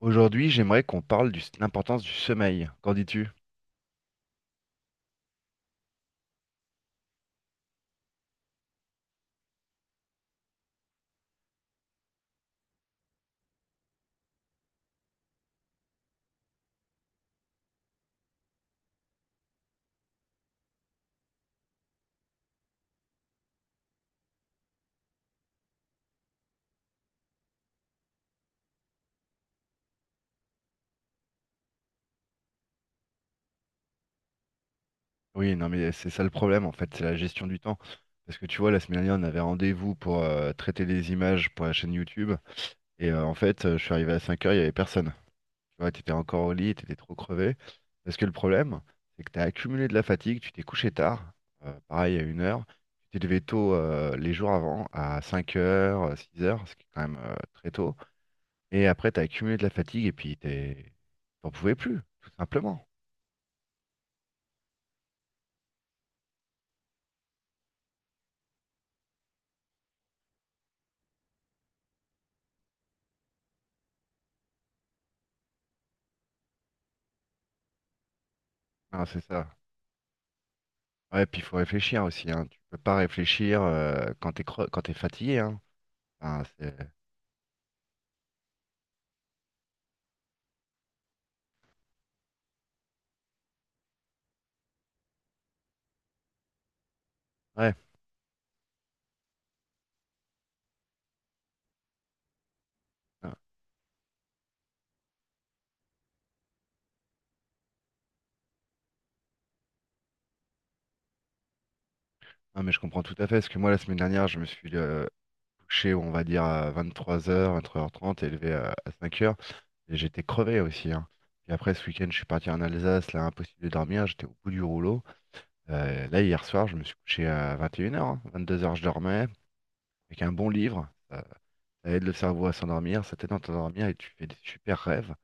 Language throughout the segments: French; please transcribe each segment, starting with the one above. Aujourd'hui, j'aimerais qu'on parle de l'importance du sommeil. Qu'en dis-tu? Oui, non, mais c'est ça le problème, en fait, c'est la gestion du temps. Parce que tu vois, la semaine dernière, on avait rendez-vous pour traiter des images pour la chaîne YouTube. Et je suis arrivé à 5 heures, il n'y avait personne. Tu vois, tu étais encore au lit, tu étais trop crevé. Parce que le problème, c'est que tu as accumulé de la fatigue, tu t'es couché tard, pareil à une heure. Tu t'es levé tôt les jours avant, à 5 heures, 6 heures, ce qui est quand même très tôt. Et après, tu as accumulé de la fatigue et puis t'es... t'en pouvais plus, tout simplement. Ah c'est ça. Ouais, puis il faut réfléchir aussi, hein. Tu peux pas réfléchir quand quand t'es fatigué, hein. Enfin, c'est... Ouais. Ah non, mais je comprends tout à fait. Parce que moi, la semaine dernière, je me suis couché, on va dire, à 23h, 23h30, et levé à 5 heures. Et j'étais crevé aussi, hein. Puis après, ce week-end, je suis parti en Alsace, là, impossible de dormir, j'étais au bout du rouleau. Là, hier soir, je me suis couché à 21h, 22h, je dormais, avec un bon livre. Ça aide le cerveau à s'endormir, ça t'aide à t'endormir et tu fais des super rêves,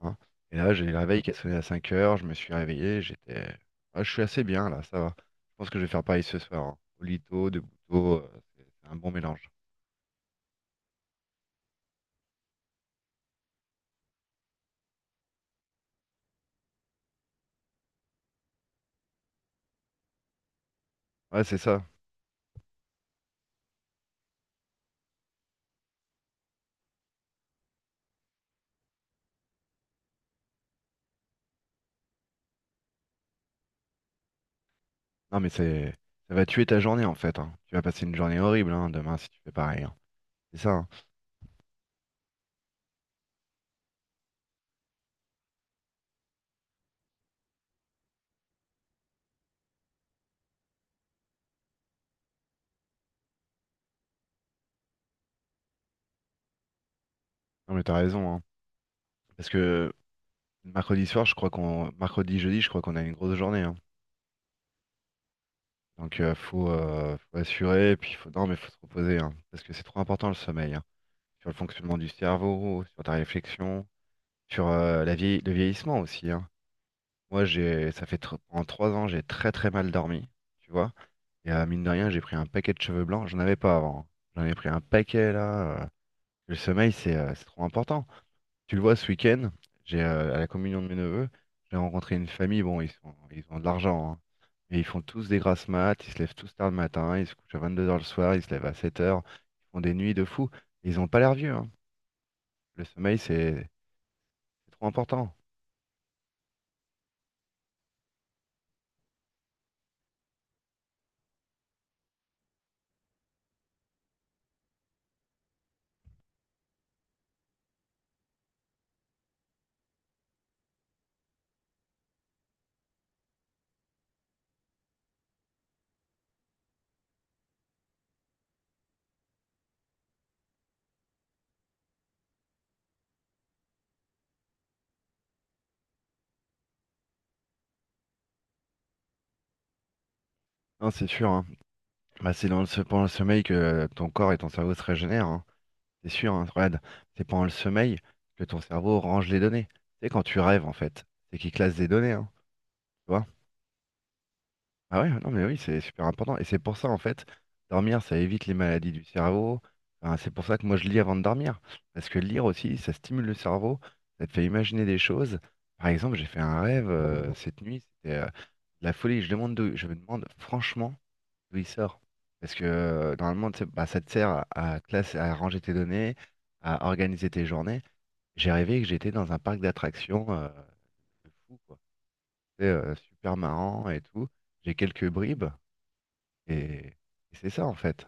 hein. Et là, j'ai le réveil qui a sonné à 5 heures, je me suis réveillé, j'étais. Ah, je suis assez bien là, ça va. Je pense que je vais faire pareil ce soir, hein. Olito, Debuto, c'est un bon mélange. Ouais, c'est ça. Non, mais c'est. Ça va tuer ta journée en fait, hein. Tu vas passer une journée horrible hein, demain si tu fais pareil, hein. C'est ça, hein. Non, mais t'as raison, hein. Parce que mercredi soir, je crois qu'on. Mercredi, jeudi, je crois qu'on a une grosse journée, hein. Donc, faut assurer. Puis, faut... non, mais faut se reposer, hein. Parce que c'est trop important le sommeil, hein. Sur le fonctionnement du cerveau, sur ta réflexion. Sur le vieillissement aussi, hein. Moi, en 3 ans, j'ai très très mal dormi, tu vois. Et mine de rien, j'ai pris un paquet de cheveux blancs. J'en avais pas avant, hein. J'en ai pris un paquet là, Le sommeil, c'est trop important. Tu le vois ce week-end, j'ai à la communion de mes neveux, j'ai rencontré une famille. Bon, ils ont de l'argent, hein. Mais ils font tous des grasses mat, ils se lèvent tous tard le matin, ils se couchent à 22 heures le soir, ils se lèvent à 7 heures. Ils font des nuits de fou. Ils ont pas l'air vieux, hein. Le sommeil, c'est trop important. Non, c'est sûr, hein. Bah, c'est pendant le sommeil que ton corps et ton cerveau se régénèrent, hein. C'est sûr, hein, Fred. C'est pendant le sommeil que ton cerveau range les données. C'est quand tu rêves, en fait. C'est qu'il classe des données, hein, tu vois? Ah ouais, non, mais oui, c'est super important. Et c'est pour ça, en fait, dormir, ça évite les maladies du cerveau. Enfin, c'est pour ça que moi, je lis avant de dormir. Parce que lire aussi, ça stimule le cerveau. Ça te fait imaginer des choses. Par exemple, j'ai fait un rêve cette nuit. C'était de la folie. Je me demande, franchement, d'où il sort. Parce que normalement, tu sais, bah, ça te sert à, à ranger tes données, à organiser tes journées. J'ai rêvé que j'étais dans un parc d'attractions de fou, quoi. C'est super marrant et tout. J'ai quelques bribes et c'est ça en fait.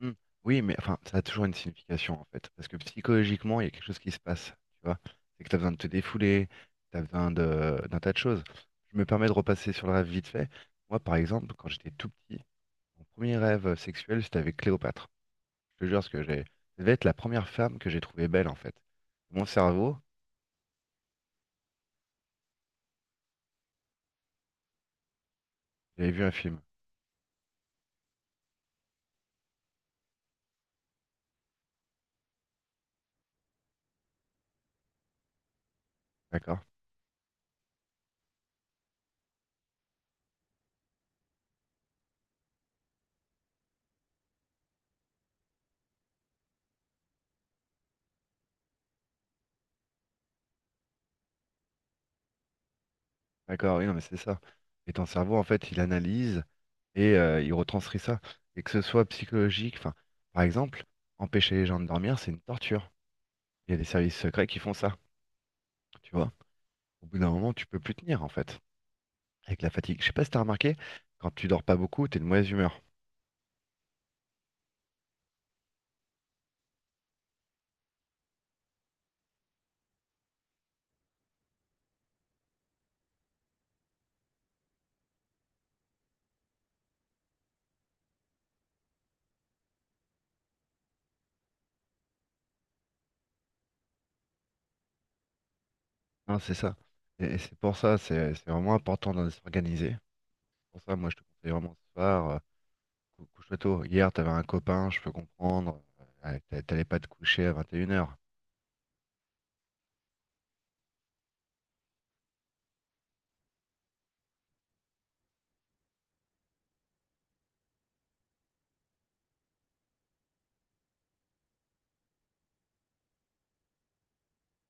Hmm. Oui, mais enfin, ça a toujours une signification en fait. Parce que psychologiquement, il y a quelque chose qui se passe, tu vois. C'est que tu as besoin de te défouler, tu as besoin d'un tas de choses. Je me permets de repasser sur le rêve vite fait. Moi, par exemple, quand j'étais tout petit, mon premier rêve sexuel, c'était avec Cléopâtre. Je te jure, ce que j'ai. Ça devait être la première femme que j'ai trouvée belle, en fait. Mon cerveau, j'avais vu un film. D'accord? D'accord, oui, non, mais c'est ça. Et ton cerveau, en fait, il analyse et il retranscrit ça. Et que ce soit psychologique, enfin, par exemple, empêcher les gens de dormir, c'est une torture. Il y a des services secrets qui font ça, tu vois. Au bout d'un moment, tu peux plus tenir, en fait, avec la fatigue. Je sais pas si t'as remarqué, quand tu dors pas beaucoup, t'es de mauvaise humeur. Non, c'est ça. Et c'est pour ça, c'est vraiment important de s'organiser. Pour ça, moi, je te conseille vraiment ce soir. Couche-toi tôt. Hier, t'avais un copain, je peux comprendre. Ouais, t'allais pas te coucher à 21h.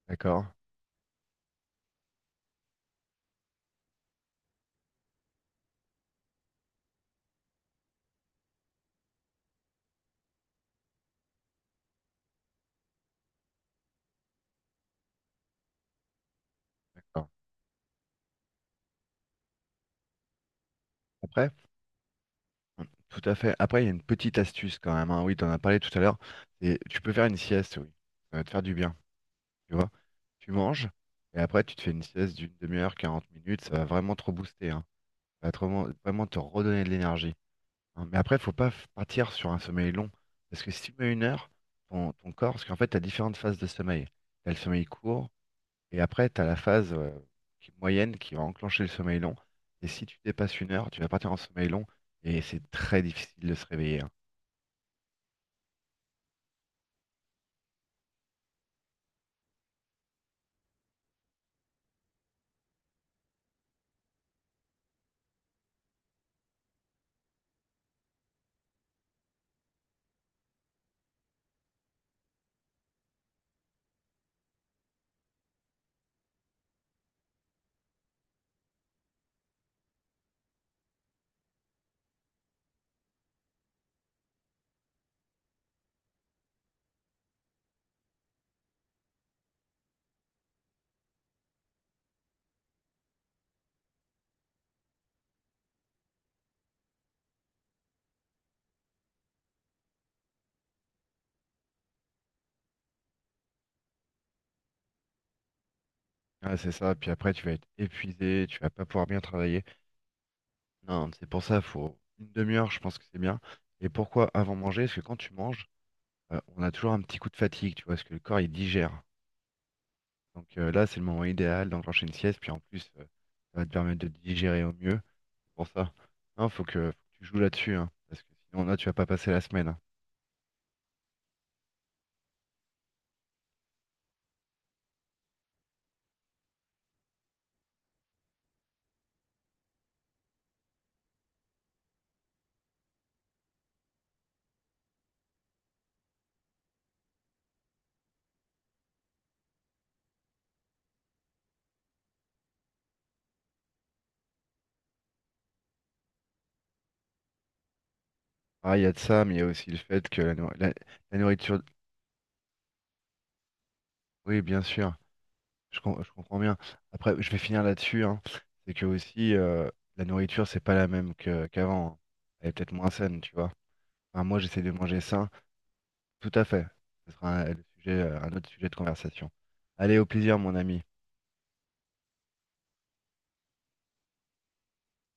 D'accord? D'accord. Après, tout à fait. Après, il y a une petite astuce quand même, hein. Oui, t'en as parlé tout à l'heure. Et tu peux faire une sieste, oui. Ça va te faire du bien. Tu vois? Tu manges et après, tu te fais une sieste d'une demi-heure, 40 minutes. Ça va vraiment te rebooster, hein. Ça va te vraiment, vraiment te redonner de l'énergie, hein. Mais après, il faut pas f- partir sur un sommeil long. Parce que si tu mets une heure, ton corps, parce qu'en fait, tu as différentes phases de sommeil. Tu as le sommeil court, et après, tu as la phase moyenne qui va enclencher le sommeil long. Et si tu dépasses une heure, tu vas partir en sommeil long, et c'est très difficile de se réveiller, hein. Ah, c'est ça, puis après, tu vas être épuisé, tu vas pas pouvoir bien travailler. Non, c'est pour ça, faut une demi-heure, je pense que c'est bien. Et pourquoi avant manger? Parce que quand tu manges, on a toujours un petit coup de fatigue, tu vois, parce que le corps, il digère. Donc là, c'est le moment idéal d'enclencher une sieste, puis en plus, ça va te permettre de digérer au mieux. C'est pour ça, non, faut que tu joues là-dessus, hein, parce que sinon là, tu vas pas passer la semaine, hein. Ah, il y a de ça, mais il y a aussi le fait que la nourriture, oui, bien sûr, je comprends bien. Après, je vais finir là-dessus, hein. C'est que aussi, la nourriture, c'est pas la même que qu'avant, hein. Elle est peut-être moins saine, tu vois. Enfin, moi, j'essaie de manger sain, tout à fait. Ce sera le sujet, un autre sujet de conversation. Allez, au plaisir, mon ami.